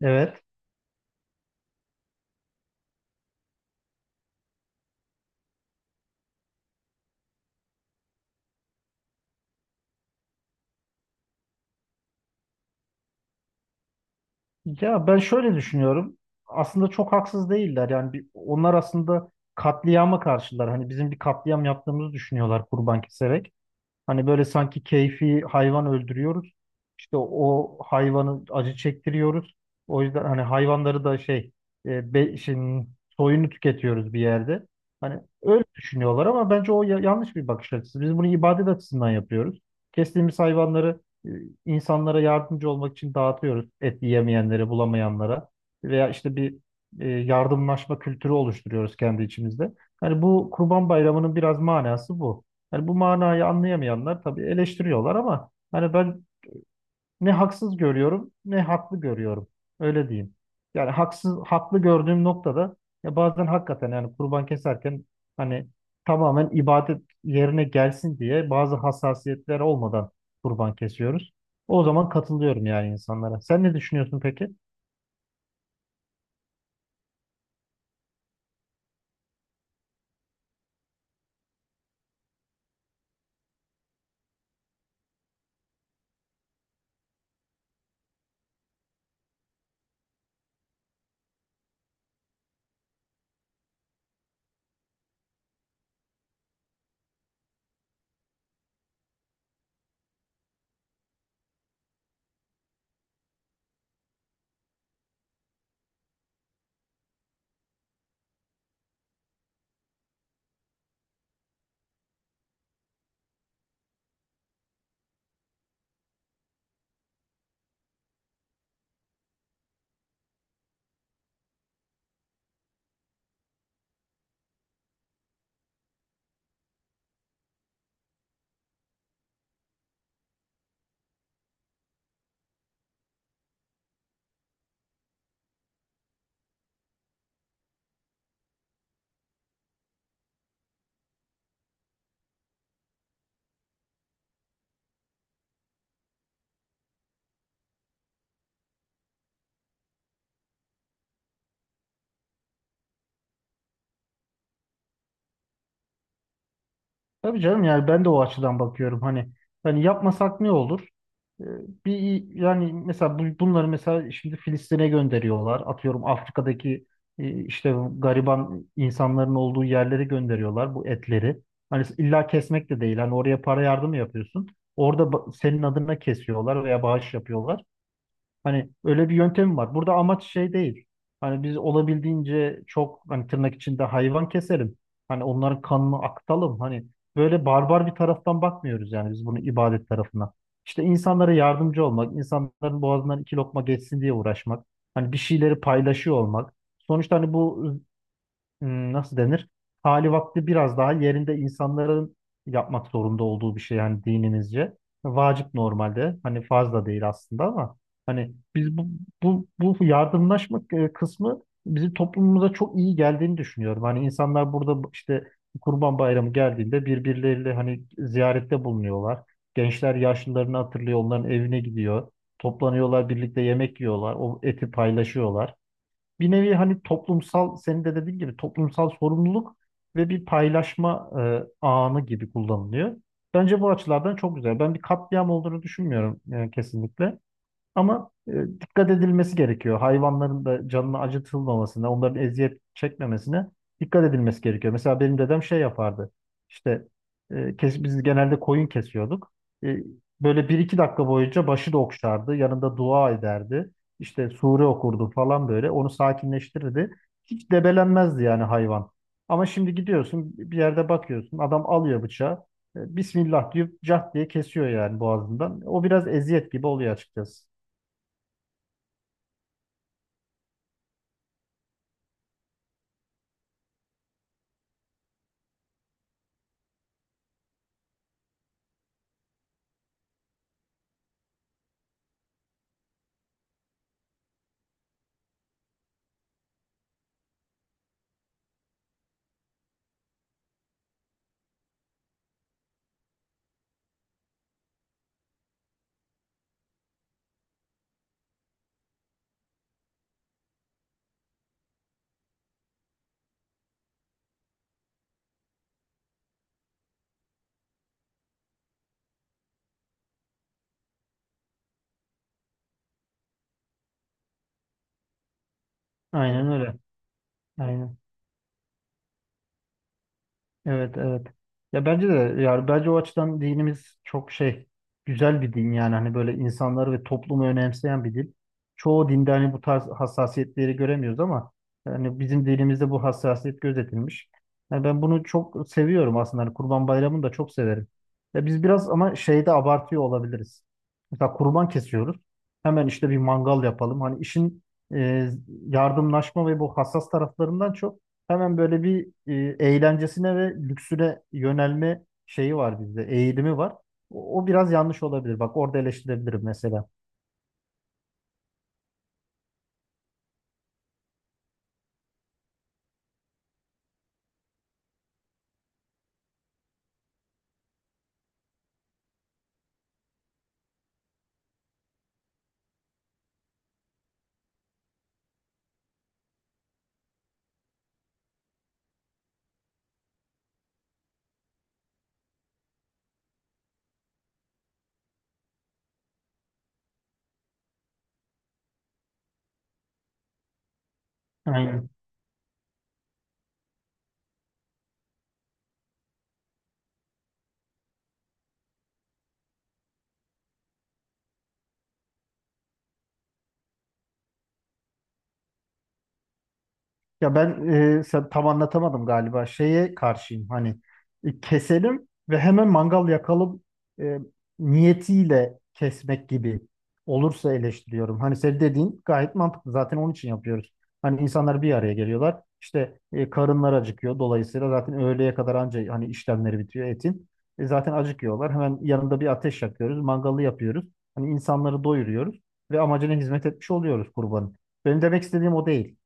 Evet. Ya ben şöyle düşünüyorum. Aslında çok haksız değiller. Yani bir, onlar aslında katliama karşılar. Hani bizim bir katliam yaptığımızı düşünüyorlar kurban keserek. Hani böyle sanki keyfi hayvan öldürüyoruz. İşte o hayvanı acı çektiriyoruz. O yüzden hani hayvanları da şimdi soyunu tüketiyoruz bir yerde. Hani öyle düşünüyorlar ama bence o yanlış bir bakış açısı. Biz bunu ibadet açısından yapıyoruz. Kestiğimiz hayvanları e, insanlara yardımcı olmak için dağıtıyoruz. Et yiyemeyenlere, bulamayanlara veya işte bir yardımlaşma kültürü oluşturuyoruz kendi içimizde. Hani bu Kurban Bayramı'nın biraz manası bu. Yani bu manayı anlayamayanlar tabii eleştiriyorlar ama hani ben ne haksız görüyorum ne haklı görüyorum. Öyle diyeyim. Yani haksız haklı gördüğüm noktada ya bazen hakikaten yani kurban keserken hani tamamen ibadet yerine gelsin diye bazı hassasiyetler olmadan kurban kesiyoruz. O zaman katılıyorum yani insanlara. Sen ne düşünüyorsun peki? Tabii canım yani ben de o açıdan bakıyorum. Hani yapmasak ne olur? Ee, Bir yani mesela bunları mesela şimdi Filistin'e gönderiyorlar. Atıyorum Afrika'daki işte bu gariban insanların olduğu yerlere gönderiyorlar bu etleri. Hani illa kesmek de değil. Hani oraya para yardımı yapıyorsun. Orada senin adına kesiyorlar veya bağış yapıyorlar. Hani öyle bir yöntemi var. Burada amaç şey değil. Hani biz olabildiğince çok hani tırnak içinde hayvan keselim. Hani onların kanını akıtalım. Hani böyle barbar bir taraftan bakmıyoruz yani biz bunu ibadet tarafına. İşte insanlara yardımcı olmak, insanların boğazından iki lokma geçsin diye uğraşmak. Hani bir şeyleri paylaşıyor olmak. Sonuçta hani bu nasıl denir? Hali vakti biraz daha yerinde insanların yapmak zorunda olduğu bir şey yani dinimizce. Vacip normalde. Hani farz da değil aslında ama hani biz bu yardımlaşma kısmı bizim toplumumuza çok iyi geldiğini düşünüyorum. Hani insanlar burada işte Kurban Bayramı geldiğinde birbirleriyle hani ziyarette bulunuyorlar. Gençler yaşlılarını hatırlıyor, onların evine gidiyor. Toplanıyorlar, birlikte yemek yiyorlar, o eti paylaşıyorlar bir nevi hani toplumsal, senin de dediğin gibi toplumsal sorumluluk ve bir paylaşma anı gibi kullanılıyor. Bence bu açılardan çok güzel. Ben bir katliam olduğunu düşünmüyorum kesinlikle. Ama dikkat edilmesi gerekiyor. Hayvanların da canını acıtılmamasına, onların eziyet çekmemesine dikkat edilmesi gerekiyor. Mesela benim dedem şey yapardı. İşte biz genelde koyun kesiyorduk. E, böyle bir iki dakika boyunca başı da okşardı. Yanında dua ederdi. İşte sure okurdu falan böyle. Onu sakinleştirirdi. Hiç debelenmezdi yani hayvan. Ama şimdi gidiyorsun bir yerde bakıyorsun. Adam alıyor bıçağı. Bismillah diyor, cah diye kesiyor yani boğazından. O biraz eziyet gibi oluyor açıkçası. Aynen öyle. Aynen. Evet, evet. Ya bence de yani bence o açıdan dinimiz çok güzel bir din yani hani böyle insanları ve toplumu önemseyen bir din. Çoğu dinde hani bu tarz hassasiyetleri göremiyoruz ama hani bizim dinimizde bu hassasiyet gözetilmiş. Yani ben bunu çok seviyorum aslında. Hani Kurban Bayramı'nı da çok severim. Ya biz biraz ama şeyde abartıyor olabiliriz. Mesela kurban kesiyoruz. Hemen işte bir mangal yapalım. Hani işin e, yardımlaşma ve bu hassas taraflarından çok, hemen böyle bir eğlencesine ve lüksüne yönelme şeyi var bizde, eğilimi var. O biraz yanlış olabilir. Bak orada eleştirebilirim mesela. Aynen. Ya sen tam anlatamadım galiba. Şeye karşıyım hani keselim ve hemen mangal yakalım e, niyetiyle kesmek gibi olursa eleştiriyorum. Hani senin dediğin gayet mantıklı. Zaten onun için yapıyoruz. Hani insanlar bir araya geliyorlar. İşte karınlar acıkıyor. Dolayısıyla zaten öğleye kadar anca hani işlemleri bitiyor etin. Zaten acıkıyorlar. Hemen yanında bir ateş yakıyoruz. Mangalı yapıyoruz. Hani insanları doyuruyoruz ve amacına hizmet etmiş oluyoruz kurbanın. Benim demek istediğim o değil.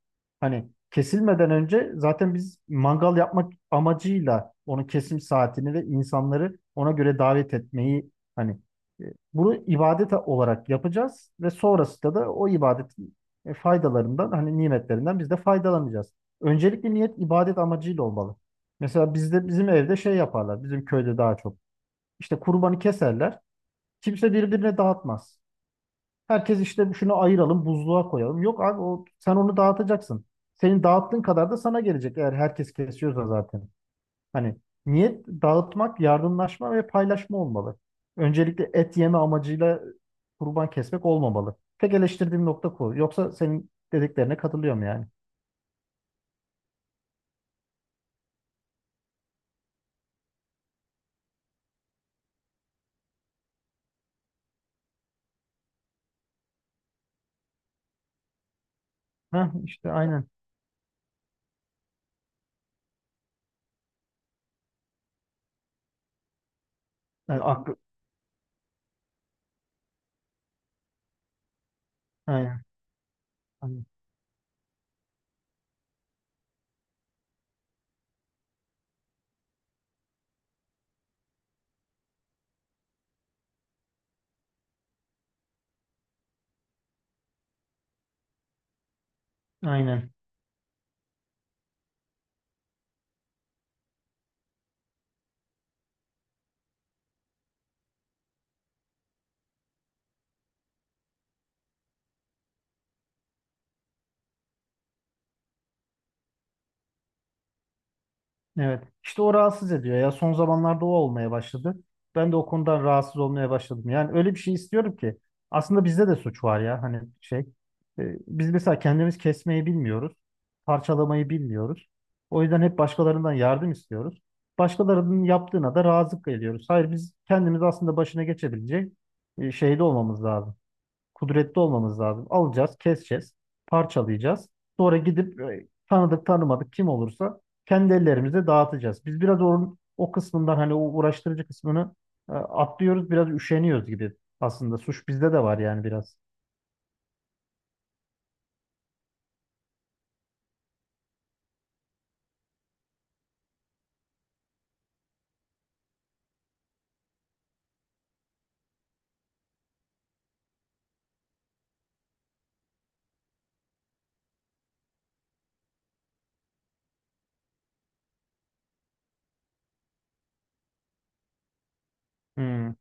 Hani kesilmeden önce zaten biz mangal yapmak amacıyla onun kesim saatini ve insanları ona göre davet etmeyi hani e, bunu ibadet olarak yapacağız ve sonrasında da o ibadetin faydalarından hani nimetlerinden biz de faydalanacağız. Öncelikle niyet ibadet amacıyla olmalı. Mesela bizde bizim evde şey yaparlar. Bizim köyde daha çok. İşte kurbanı keserler. Kimse birbirine dağıtmaz. Herkes işte şunu ayıralım, buzluğa koyalım. Yok abi, o, sen onu dağıtacaksın. Senin dağıttığın kadar da sana gelecek eğer herkes kesiyorsa zaten. Hani niyet dağıtmak, yardımlaşma ve paylaşma olmalı. Öncelikle et yeme amacıyla kurban kesmek olmamalı. Tek eleştirdiğim nokta bu. Yoksa senin dediklerine katılıyorum yani. Ha işte aynen. Yani aynen. Aynen. Aynen. Evet. İşte o rahatsız ediyor ya. Son zamanlarda o olmaya başladı. Ben de o konudan rahatsız olmaya başladım. Yani öyle bir şey istiyorum ki. Aslında bizde de suç var ya. Hani şey. Biz mesela kendimiz kesmeyi bilmiyoruz. Parçalamayı bilmiyoruz. O yüzden hep başkalarından yardım istiyoruz. Başkalarının yaptığına da razı geliyoruz. Hayır biz kendimiz aslında başına geçebilecek şeyde olmamız lazım, kudretli olmamız lazım. Alacağız, keseceğiz, parçalayacağız. Sonra gidip tanıdık tanımadık kim olursa kendi ellerimizle dağıtacağız. Biz biraz onun o kısmından hani o uğraştırıcı kısmını atlıyoruz, biraz üşeniyoruz gibi. Aslında suç bizde de var yani biraz. Hmm,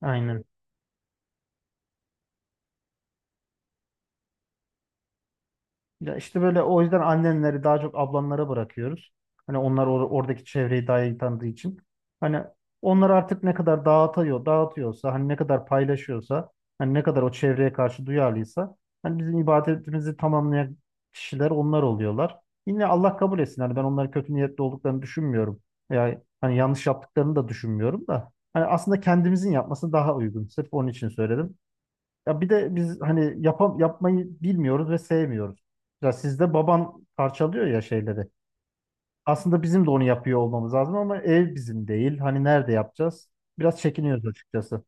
aynen. Ya işte böyle o yüzden annenleri daha çok ablamlara bırakıyoruz. Hani onlar oradaki çevreyi daha iyi tanıdığı için. Hani onlar artık ne kadar dağıtıyorsa, hani ne kadar paylaşıyorsa, hani ne kadar o çevreye karşı duyarlıysa, hani bizim ibadetimizi tamamlayan kişiler onlar oluyorlar. Yine Allah kabul etsin. Hani ben onların kötü niyetli olduklarını düşünmüyorum. Yani hani yanlış yaptıklarını da düşünmüyorum da. Hani aslında kendimizin yapması daha uygun. Sırf onun için söyledim. Ya bir de biz hani yapmayı bilmiyoruz ve sevmiyoruz. Ya sizde baban parçalıyor ya şeyleri. Aslında bizim de onu yapıyor olmamız lazım ama ev bizim değil. Hani nerede yapacağız? Biraz çekiniyoruz açıkçası.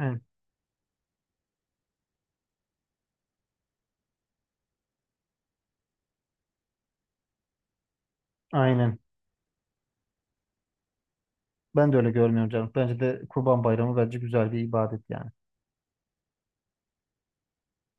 Evet, aynen. Ben de öyle görmüyorum canım. Bence de Kurban Bayramı bence güzel bir ibadet yani.